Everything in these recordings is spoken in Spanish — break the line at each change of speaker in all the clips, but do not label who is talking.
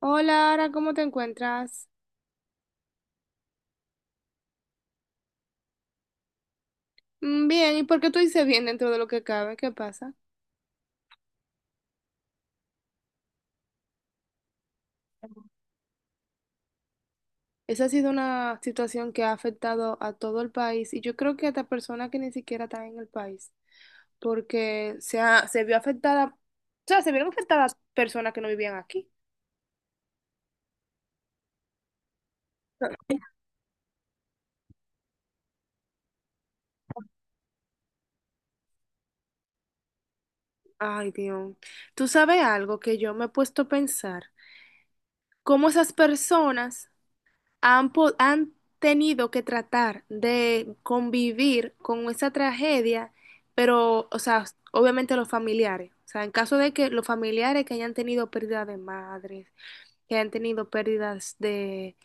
Hola, Ara, ¿cómo te encuentras? Bien, ¿y por qué tú dices bien dentro de lo que cabe? ¿Qué pasa? Esa ha sido una situación que ha afectado a todo el país y yo creo que hasta personas que ni siquiera están en el país, porque se vio afectada, o sea, se vieron afectadas personas que no vivían aquí. Ay, Dios. Tú sabes algo que yo me he puesto a pensar, cómo esas personas han tenido que tratar de convivir con esa tragedia, pero, o sea, obviamente los familiares. O sea, en caso de que los familiares que hayan tenido pérdida de madres, que hayan tenido pérdidas de,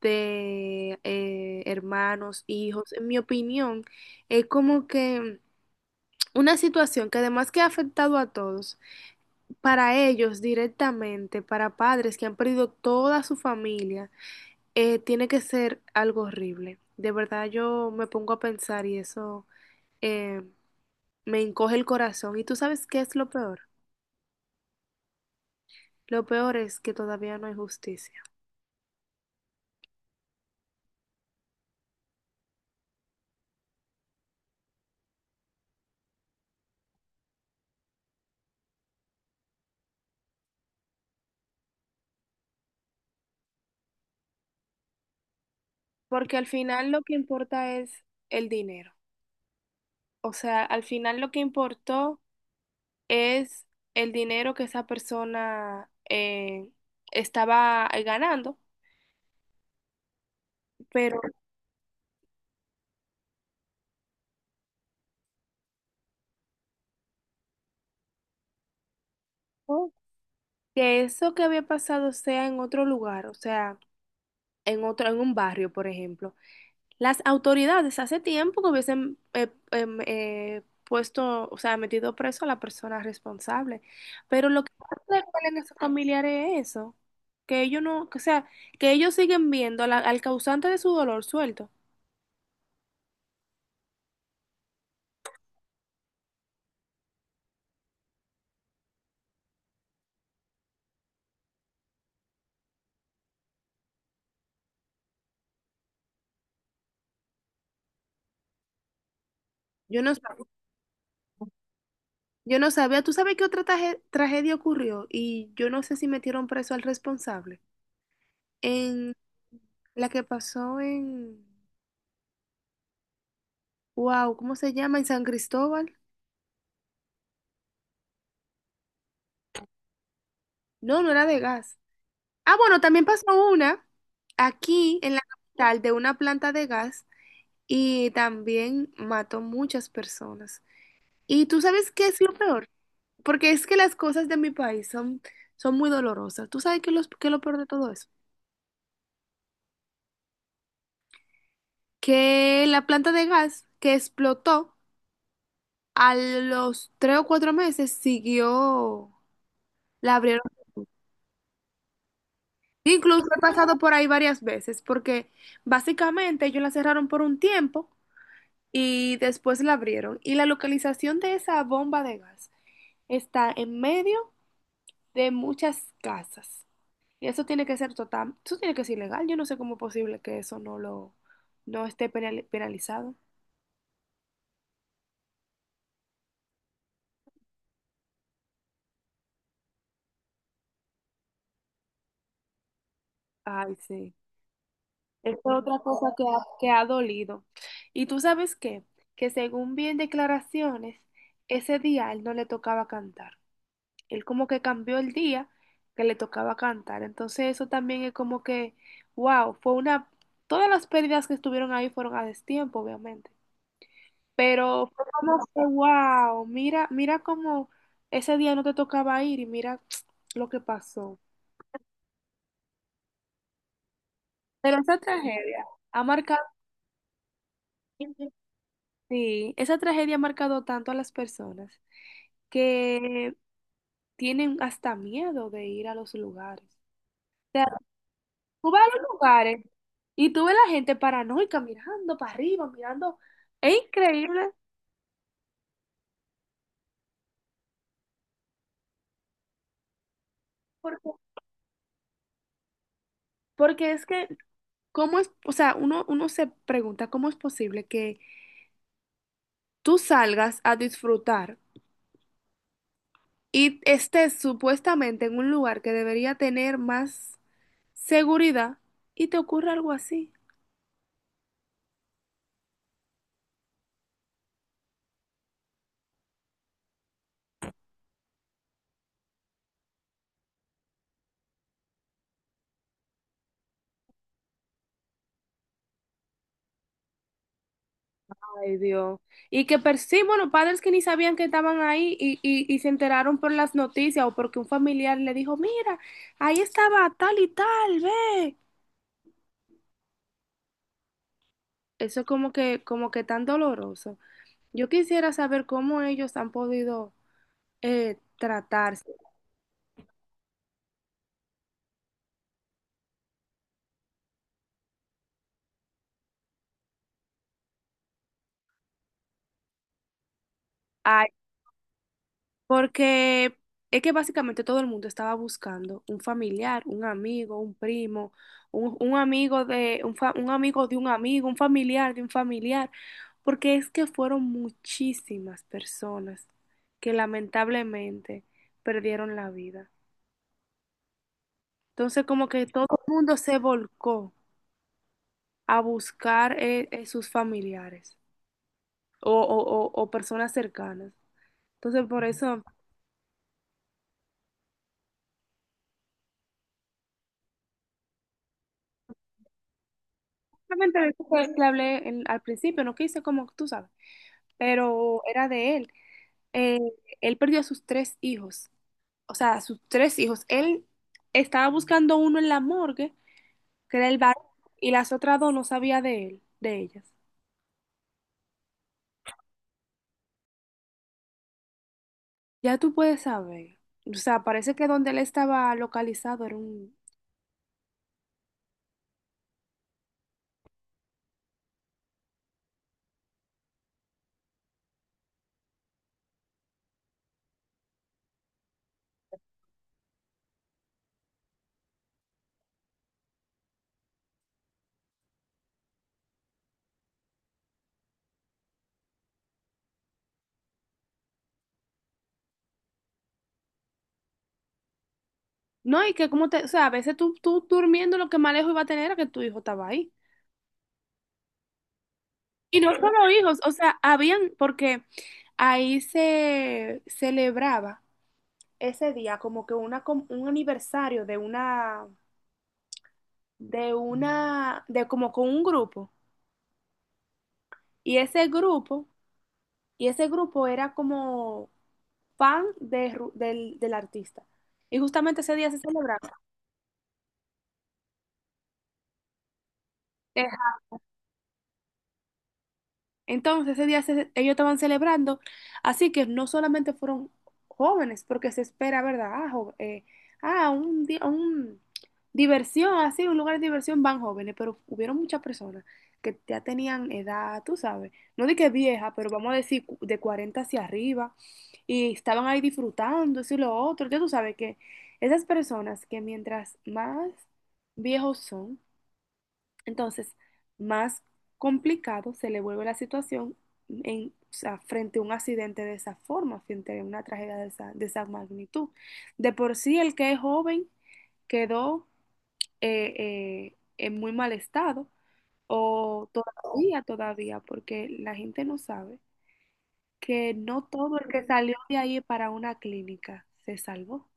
de eh, hermanos, hijos, en mi opinión, es como que una situación que además que ha afectado a todos, para ellos directamente, para padres que han perdido toda su familia. Tiene que ser algo horrible. De verdad yo me pongo a pensar y eso eh, me encoge el corazón. ¿Y tú sabes qué es lo peor? Lo peor es que todavía no hay justicia. Porque al final lo que importa es el dinero. O sea, al final lo que importó es el dinero que esa persona estaba ganando. Pero no que eso que había pasado sea en otro lugar, o sea, en otro, en un barrio, por ejemplo. Las autoridades hace tiempo que hubiesen puesto, o sea, metido preso a la persona responsable. Pero lo que más le duele a esos familiares es eso, que ellos no, que, o sea, que ellos siguen viendo a al causante de su dolor suelto. Yo no, sab- yo no sabía, ¿tú sabes qué otra tragedia ocurrió? Y yo no sé si metieron preso al responsable. En la que pasó en, wow, ¿cómo se llama? En San Cristóbal. No, no era de gas. Ah, bueno, también pasó una aquí en la capital de una planta de gas y también mató muchas personas. Y tú sabes qué es lo peor, porque es que las cosas de mi país son muy dolorosas. ¿Tú sabes qué, qué es lo peor de todo eso? Que la planta de gas que explotó a los tres o cuatro meses siguió, la abrieron. Incluso he pasado por ahí varias veces, porque básicamente ellos la cerraron por un tiempo y después la abrieron. Y la localización de esa bomba de gas está en medio de muchas casas. Y eso tiene que ser total, eso tiene que ser ilegal. Yo no sé cómo es posible que eso no lo, no esté penalizado. Ay, sí. Es otra cosa que ha dolido. Y tú sabes qué, que según bien declaraciones, ese día a él no le tocaba cantar. Él como que cambió el día que le tocaba cantar. Entonces eso también es como que, wow, fue una, todas las pérdidas que estuvieron ahí fueron a destiempo, obviamente. Pero fue como que, wow, mira, mira cómo ese día no te tocaba ir y mira lo que pasó. Pero esa tragedia ha marcado, sí, esa tragedia ha marcado tanto a las personas que tienen hasta miedo de ir a los lugares. O Tú vas a los lugares y tú ves la gente paranoica mirando para arriba, mirando. Es increíble porque, porque es que, ¿cómo es? O sea, uno se pregunta cómo es posible que tú salgas a disfrutar y estés supuestamente en un lugar que debería tener más seguridad y te ocurra algo así. Ay, Dios. Y que per sí, bueno, padres que ni sabían que estaban ahí y se enteraron por las noticias o porque un familiar le dijo, mira, ahí estaba tal y tal, ve. Eso es como que tan doloroso. Yo quisiera saber cómo ellos han podido tratarse. Porque es que básicamente todo el mundo estaba buscando un familiar, un amigo, un primo, un amigo de un amigo, un familiar de un familiar, porque es que fueron muchísimas personas que lamentablemente perdieron la vida. Entonces como que todo el mundo se volcó a buscar sus familiares o personas cercanas. Entonces por eso, realmente de eso fue que hablé al principio, no quise como tú sabes pero era de él. Eh, Él perdió a sus tres hijos, o sea, a sus tres hijos. Él estaba buscando uno en la morgue, que era el varón, y las otras dos no sabía de él, de ellas. Ya tú puedes saber. O sea, parece que donde él estaba localizado era un... No, y que como te... O sea, a veces tú durmiendo lo que más lejos iba a tener era que tu hijo estaba ahí. Y no solo hijos, o sea, habían, porque ahí se celebraba ese día como que un aniversario de una de como con un grupo. Y ese grupo, y ese grupo era como fan de, del artista. Y justamente ese día se celebraba. Entonces, ellos estaban celebrando, así que no solamente fueron jóvenes, porque se espera, ¿verdad? Ah, un diversión, así, un lugar de diversión van jóvenes, pero hubieron muchas personas que ya tenían edad, tú sabes, no de que vieja, pero vamos a decir de 40 hacia arriba, y estaban ahí disfrutando, eso y lo otro. Ya tú sabes que esas personas que mientras más viejos son, entonces, más complicado se le vuelve la situación en, o sea, frente a un accidente de esa forma, frente a una tragedia de de esa magnitud. De por sí, el que es joven quedó en muy mal estado, o todavía, porque la gente no sabe que no todo el que salió de ahí para una clínica se salvó.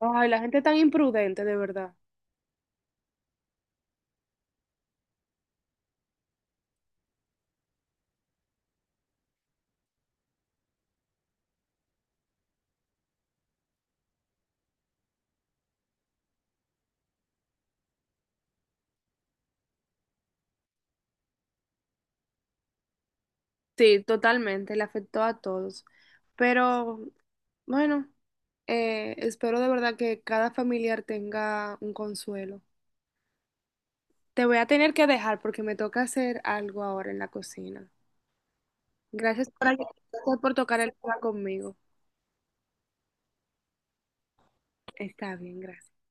Ay, la gente tan imprudente, de verdad. Sí, totalmente, le afectó a todos. Pero bueno, espero de verdad que cada familiar tenga un consuelo. Te voy a tener que dejar porque me toca hacer algo ahora en la cocina. Gracias por, gracias por tocar el tema conmigo. Está bien, gracias.